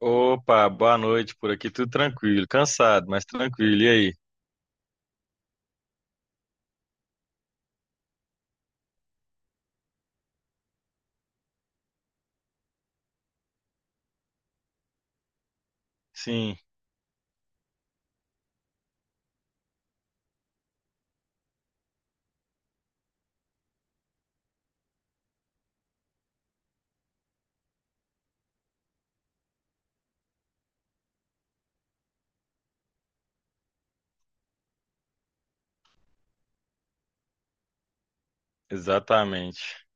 Opa, boa noite. Por aqui tudo tranquilo, cansado, mas tranquilo. E aí? Sim, exatamente.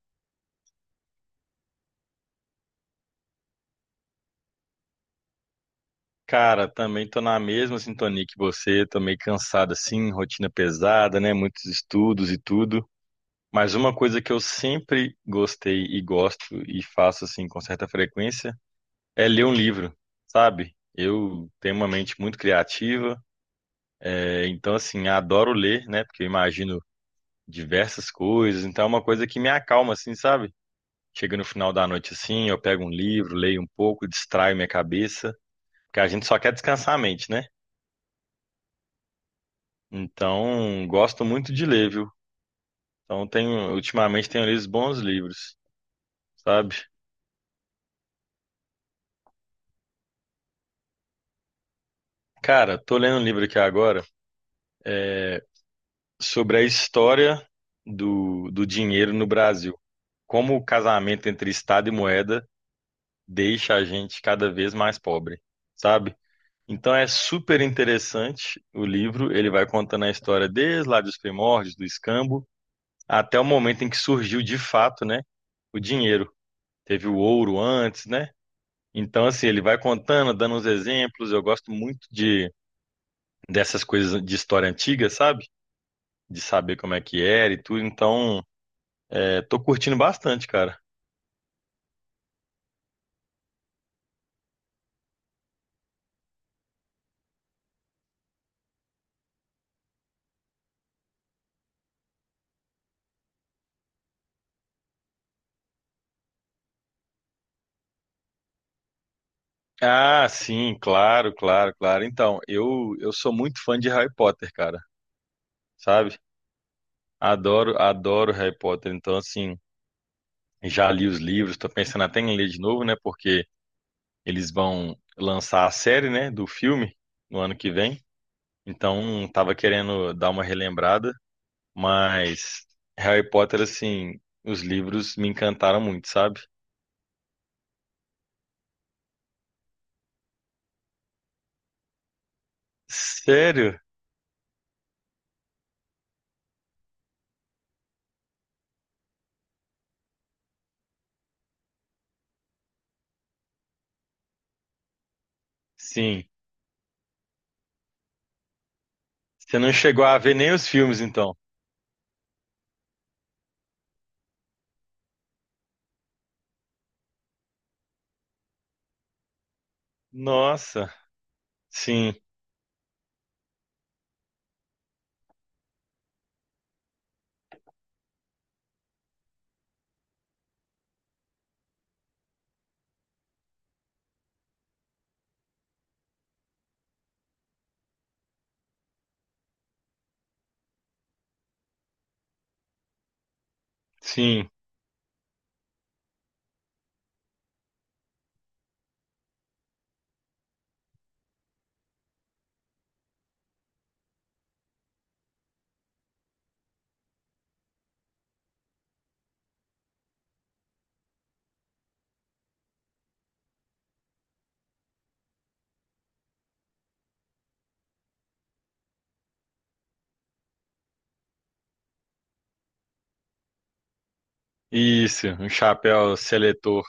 Cara, também tô na mesma sintonia que você, tô meio cansado assim, rotina pesada, né? Muitos estudos e tudo. Mas uma coisa que eu sempre gostei e gosto e faço assim com certa frequência é ler um livro, sabe? Eu tenho uma mente muito criativa, então assim, adoro ler, né? Porque eu imagino diversas coisas, então é uma coisa que me acalma assim, sabe? Chega no final da noite assim, eu pego um livro, leio um pouco, distraio minha cabeça, porque a gente só quer descansar a mente, né? Então, gosto muito de ler, viu? Então, tenho, ultimamente tenho lido bons livros, sabe? Cara, tô lendo um livro aqui agora sobre a história do dinheiro no Brasil. Como o casamento entre Estado e moeda deixa a gente cada vez mais pobre, sabe? Então é super interessante o livro, ele vai contando a história desde lá dos primórdios, do escambo, até o momento em que surgiu de fato, né, o dinheiro. Teve o ouro antes, né? Então, assim, ele vai contando, dando uns exemplos. Eu gosto muito de dessas coisas de história antiga, sabe? De saber como é que era e tudo. Então, tô curtindo bastante, cara. Ah, sim, claro, claro, claro. Então, eu sou muito fã de Harry Potter, cara, sabe? Adoro, adoro Harry Potter. Então, assim, já li os livros, tô pensando até em ler de novo, né? Porque eles vão lançar a série, né, do filme no ano que vem. Então, tava querendo dar uma relembrada, mas Harry Potter, assim, os livros me encantaram muito, sabe? Sério? Sim. Você não chegou a ver nem os filmes, então? Nossa. Sim, sim. Isso, um chapéu seletor.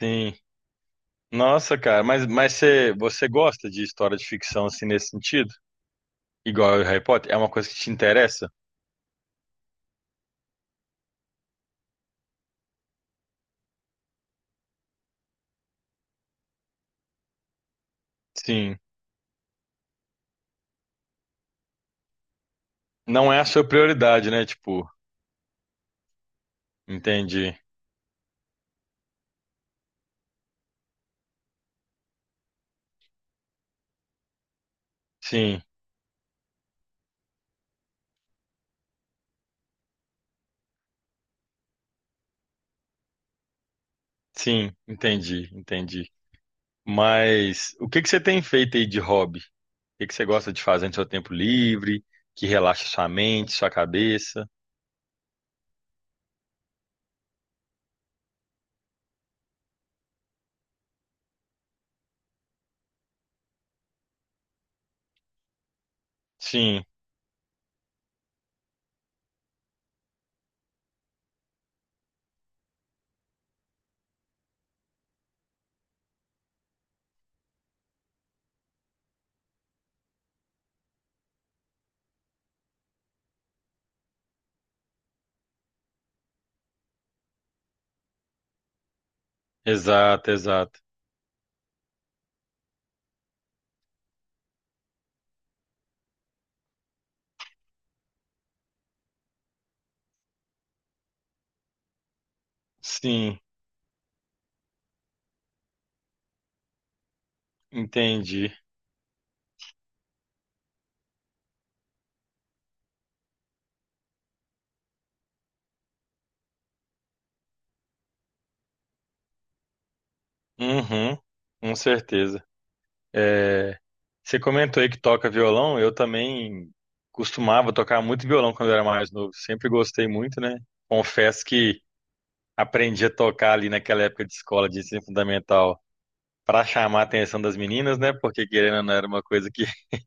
Sim. Nossa, cara, mas você, você gosta de história de ficção, assim, nesse sentido? Igual o Harry Potter? É uma coisa que te interessa? Sim. Não é a sua prioridade, né? Tipo, entendi. Sim, sim, entendi, entendi. Mas o que que você tem feito aí de hobby? O que que você gosta de fazer no seu tempo livre, que relaxa sua mente, sua cabeça? Sim, exato, exato. Sim, entendi. Uhum, com certeza. É, você comentou aí que toca violão, eu também costumava tocar muito violão quando eu era mais novo, sempre gostei muito, né? Confesso que aprendi a tocar ali naquela época de escola de ensino fundamental para chamar a atenção das meninas, né? Porque querendo ou não era uma coisa que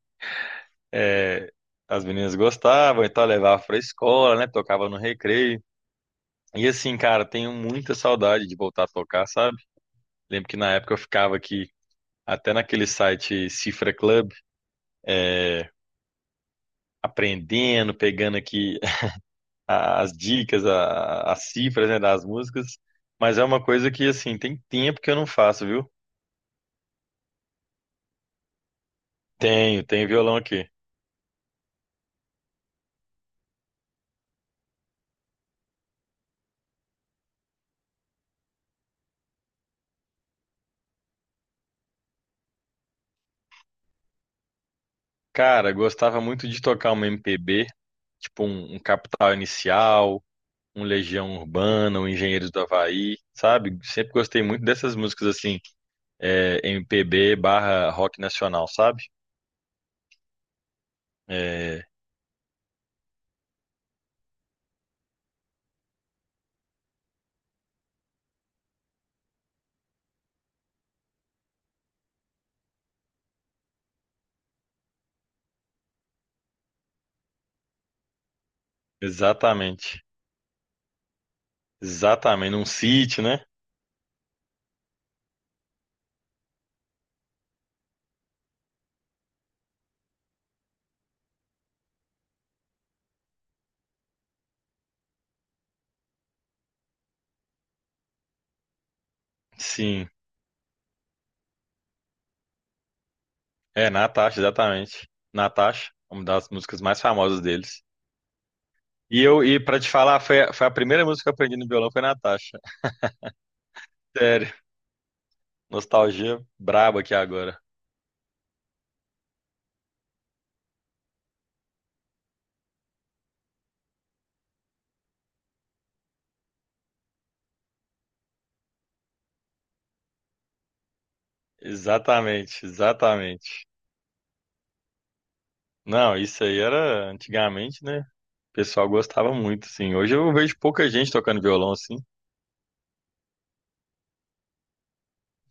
as meninas gostavam, então eu levava para escola, né? Tocava no recreio. E assim, cara, tenho muita saudade de voltar a tocar, sabe? Lembro que na época eu ficava aqui até naquele site Cifra Club, aprendendo, pegando aqui as dicas, as cifras, né, das músicas. Mas é uma coisa que, assim, tem tempo que eu não faço, viu? Tenho, tenho violão aqui. Cara, gostava muito de tocar uma MPB, tipo um Capital Inicial, um Legião Urbana, um Engenheiros do Havaí, sabe? Sempre gostei muito dessas músicas assim, MPB barra rock nacional, sabe? É, exatamente, exatamente, num City, né? Sim, é Natasha, exatamente. Natasha, uma das músicas mais famosas deles. E eu, e para te falar, foi, foi a primeira música que eu aprendi no violão, foi Natasha. Sério, nostalgia braba aqui agora. Exatamente, exatamente. Não, isso aí era antigamente, né? O pessoal gostava muito, assim. Hoje eu vejo pouca gente tocando violão, assim.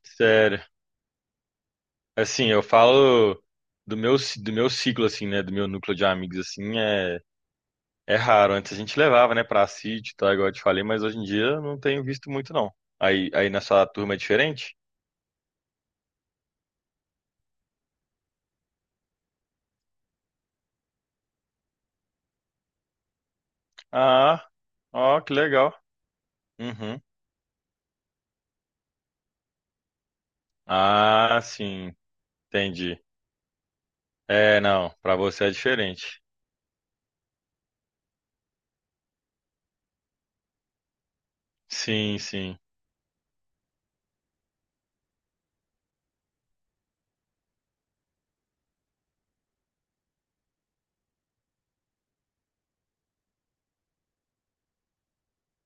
Sério. Assim, eu falo do meu, do meu ciclo, assim, né? Do meu núcleo de amigos, assim, é raro. Antes a gente levava, né, pra sítio, tá? Igual eu te falei, mas hoje em dia eu não tenho visto muito, não. Aí na sua turma é diferente? Ah, ó, que legal. Uhum. Ah, sim, entendi. É, não, pra você é diferente. Sim, sim.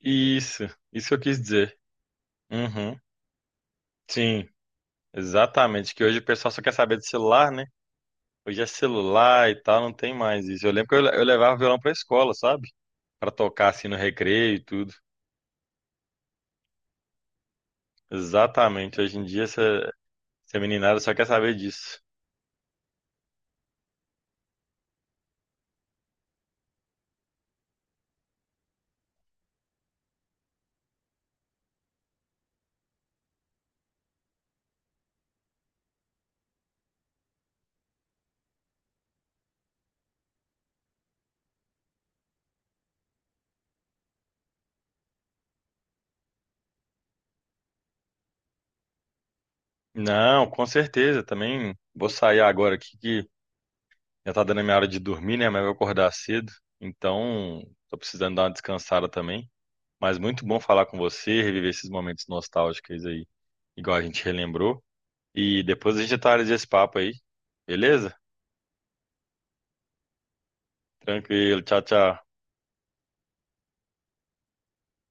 Isso, isso que eu quis dizer. Uhum. Sim, exatamente. Que hoje o pessoal só quer saber de celular, né? Hoje é celular e tal, não tem mais isso. Eu lembro que eu, eu levava o violão pra escola, sabe? Pra tocar assim no recreio e tudo. Exatamente. Hoje em dia essa, essa meninada só quer saber disso. Não, com certeza. Também vou sair agora aqui que já tá dando a minha hora de dormir, né? Mas eu vou acordar cedo. Então, tô precisando dar uma descansada também. Mas muito bom falar com você, reviver esses momentos nostálgicos aí, igual a gente relembrou. E depois a gente atualiza esse papo aí, beleza? Tranquilo, tchau, tchau.